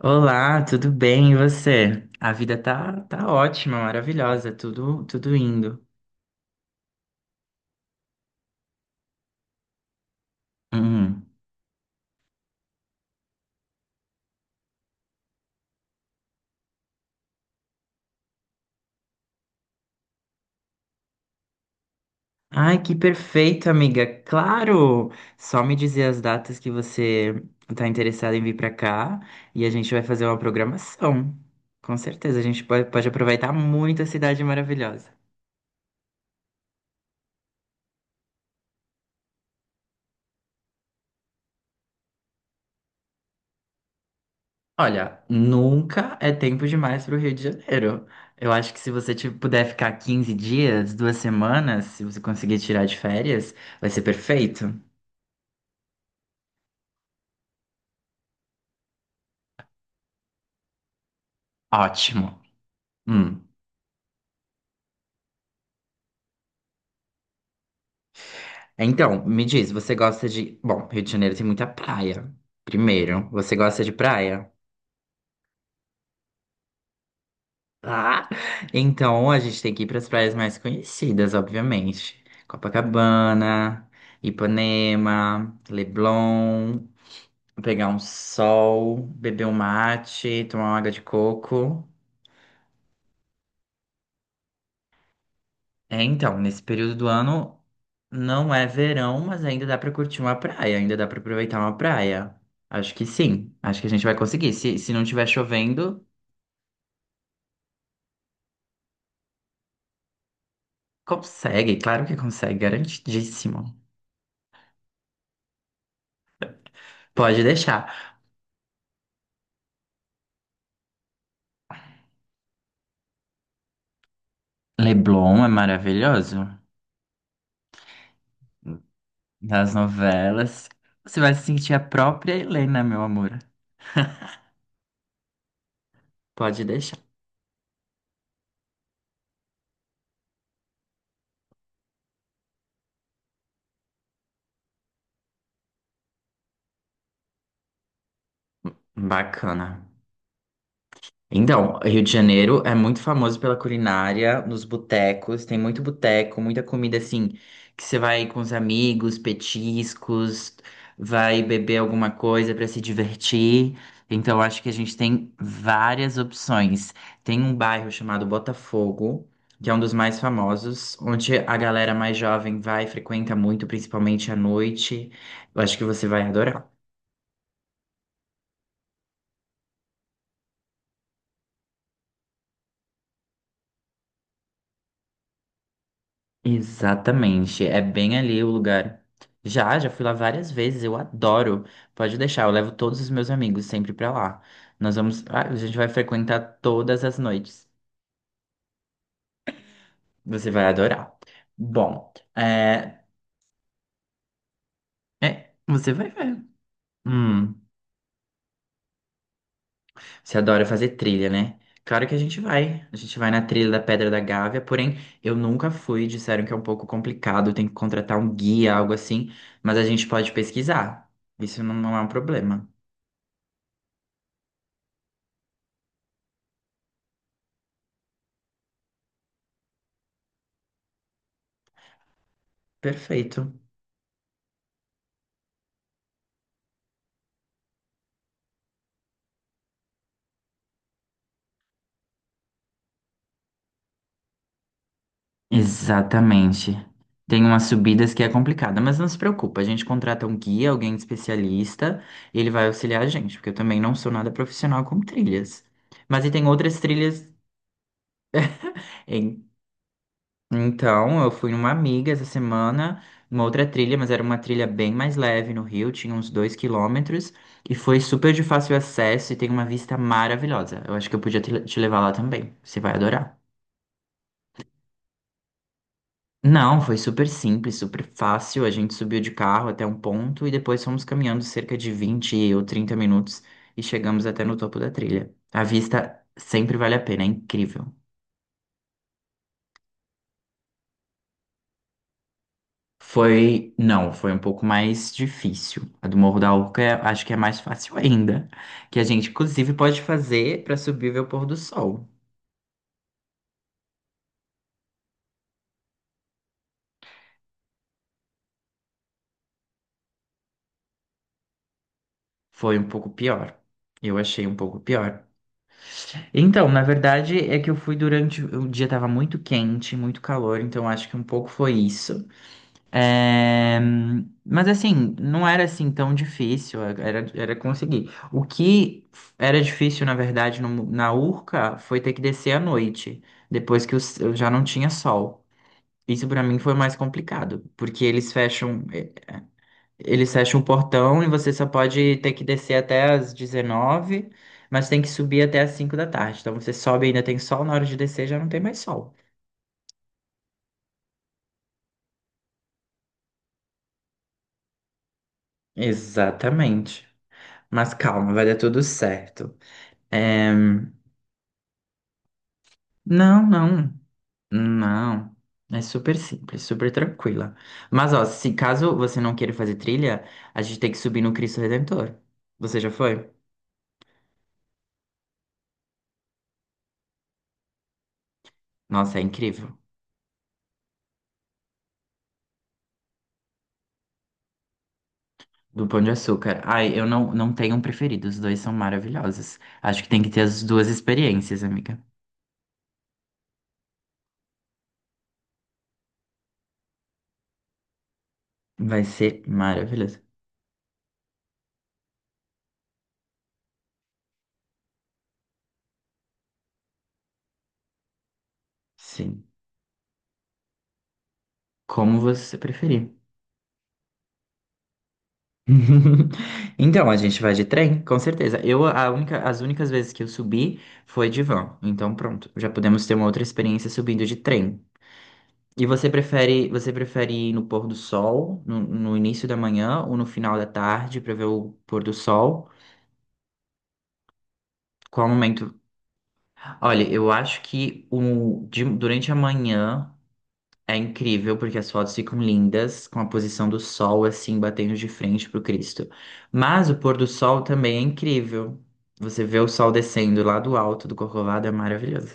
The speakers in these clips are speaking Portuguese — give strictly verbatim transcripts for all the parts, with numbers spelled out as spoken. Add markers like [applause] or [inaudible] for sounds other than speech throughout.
Olá, tudo bem? E você? A vida tá, tá ótima, maravilhosa, tudo, tudo indo. Uhum. Ai, que perfeito, amiga. Claro! Só me dizer as datas que você tá interessada em vir pra cá e a gente vai fazer uma programação. Com certeza, a gente pode, pode aproveitar muito a cidade maravilhosa. Olha, nunca é tempo demais para o Rio de Janeiro. Eu acho que se você tipo, puder ficar quinze dias, duas semanas, se você conseguir tirar de férias, vai ser perfeito. Ótimo. Hum. Então, me diz, você gosta de. Bom, Rio de Janeiro tem muita praia. Primeiro, você gosta de praia? Ah! Então, a gente tem que ir para as praias mais conhecidas, obviamente. Copacabana, Ipanema, Leblon, pegar um sol, beber um mate, tomar uma água de coco. É, então, nesse período do ano não é verão, mas ainda dá pra curtir uma praia, ainda dá pra aproveitar uma praia. Acho que sim, acho que a gente vai conseguir. Se, se não tiver chovendo, consegue, claro que consegue, garantidíssimo. Pode deixar. Leblon é maravilhoso, das novelas. Você vai se sentir a própria Helena, meu amor. Pode deixar. Bacana. Então, Rio de Janeiro é muito famoso pela culinária, nos botecos, tem muito boteco, muita comida assim, que você vai com os amigos, petiscos, vai beber alguma coisa para se divertir. Então, acho que a gente tem várias opções. Tem um bairro chamado Botafogo, que é um dos mais famosos, onde a galera mais jovem vai, frequenta muito, principalmente à noite. Eu acho que você vai adorar. Exatamente, é bem ali o lugar. Já, já fui lá várias vezes, eu adoro. Pode deixar, eu levo todos os meus amigos sempre pra lá. Nós vamos, ah, a gente vai frequentar todas as noites. Você vai adorar. Bom, é, é, você vai ver. Hum, você adora fazer trilha, né? Claro que a gente vai. A gente vai na trilha da Pedra da Gávea, porém eu nunca fui. Disseram que é um pouco complicado, tem que contratar um guia, algo assim. Mas a gente pode pesquisar. Isso não não é um problema. Perfeito. Exatamente. Tem umas subidas que é complicada, mas não se preocupa, a gente contrata um guia, alguém especialista, e ele vai auxiliar a gente, porque eu também não sou nada profissional com trilhas. Mas e tem outras trilhas. em- Então, eu fui numa amiga essa semana, uma outra trilha, mas era uma trilha bem mais leve no Rio, tinha uns dois quilômetros, e foi super de fácil acesso e tem uma vista maravilhosa. Eu acho que eu podia te te levar lá também, você vai adorar. Não, foi super simples, super fácil. A gente subiu de carro até um ponto e depois fomos caminhando cerca de vinte ou trinta minutos e chegamos até no topo da trilha. A vista sempre vale a pena, é incrível. Foi, não, foi um pouco mais difícil. A do Morro da Urca é- acho que é mais fácil ainda, que a gente inclusive pode fazer para subir e ver o pôr do sol. Foi um pouco pior. Eu achei um pouco pior. Então, na verdade, é que eu fui durante. O dia tava muito quente, muito calor, então acho que um pouco foi isso. É, mas assim, não era assim tão difícil, era, era conseguir. O que era difícil, na verdade, no- na Urca foi ter que descer à noite, depois que o s- eu já não tinha sol. Isso pra mim foi mais complicado, porque eles fecham. Eles fecham um portão e você só pode ter que descer até as dezenove, mas tem que subir até as cinco da tarde. Então você sobe e ainda tem sol, na hora de descer já não tem mais sol. Exatamente. Mas calma, vai dar tudo certo. É, não, não, não. É super simples, super tranquila. Mas ó, se caso você não queira fazer trilha, a gente tem que subir no Cristo Redentor. Você já foi? Nossa, é incrível. Do Pão de Açúcar. Ai, eu não, não tenho um preferido, os dois são maravilhosos. Acho que tem que ter as duas experiências, amiga. Vai ser maravilhoso. Sim, como você preferir. [laughs] Então, a gente vai de trem, com certeza. Eu, a única, as únicas vezes que eu subi foi de van. Então, pronto, já podemos ter uma outra experiência subindo de trem. E você prefere, você prefere ir no pôr do sol, no, no início da manhã ou no final da tarde para ver o pôr do sol? Qual momento Olha, eu acho que o, de- durante a manhã é incrível, porque as fotos ficam lindas, com a posição do sol assim, batendo de frente pro Cristo. Mas o pôr do sol também é incrível. Você vê o sol descendo lá do alto do Corcovado, é maravilhoso.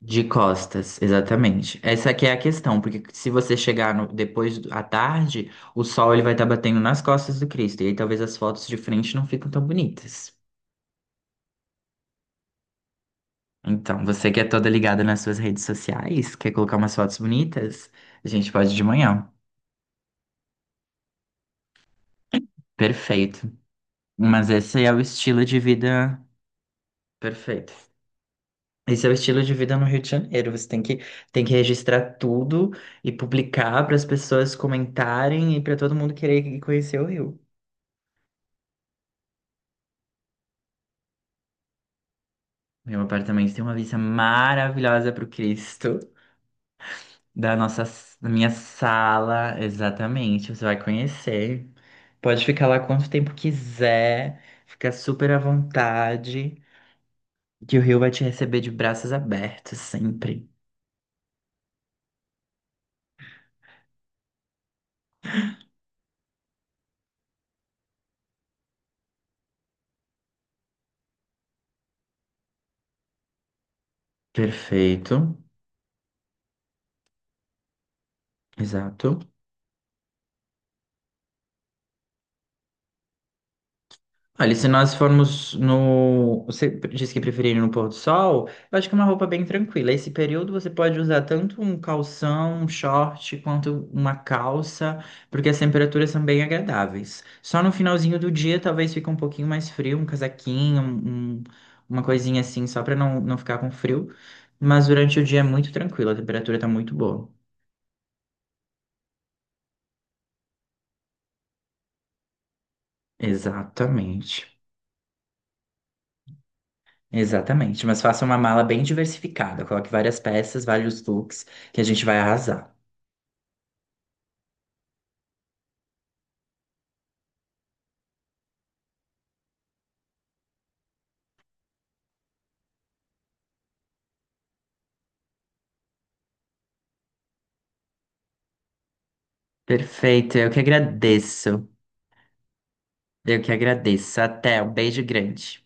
De costas, exatamente. Essa aqui é a questão, porque se você chegar no- depois do- à tarde, o sol ele vai estar batendo nas costas do Cristo, e aí talvez as fotos de frente não ficam tão bonitas. Então, você que é toda ligada nas suas redes sociais, quer colocar umas fotos bonitas? A gente pode de manhã. Perfeito. Mas esse é o estilo de vida perfeito. Esse é o estilo de vida no Rio de Janeiro. Você tem que, tem que registrar tudo e publicar para as pessoas comentarem e para todo mundo querer ir conhecer o Rio. Meu apartamento tem uma vista maravilhosa para o Cristo. da nossa, da minha sala, exatamente. Você vai conhecer. Pode ficar lá quanto tempo quiser, fica super à vontade, que o Rio vai te receber de braços abertos sempre. Perfeito, exato. Olha, se nós formos no. Você disse que preferia ir no pôr do sol? Eu acho que é uma roupa bem tranquila. Esse período você pode usar tanto um calção, um short, quanto uma calça, porque as temperaturas são bem agradáveis. Só no finalzinho do dia talvez fique um pouquinho mais frio, um casaquinho, um- um- uma coisinha assim, só para não, não ficar com frio. Mas durante o dia é muito tranquilo, a temperatura tá muito boa. Exatamente. Exatamente, mas faça uma mala bem diversificada, coloque várias peças, vários looks, que a gente vai arrasar. Perfeito, eu que agradeço. Eu que agradeço. Até, um beijo grande.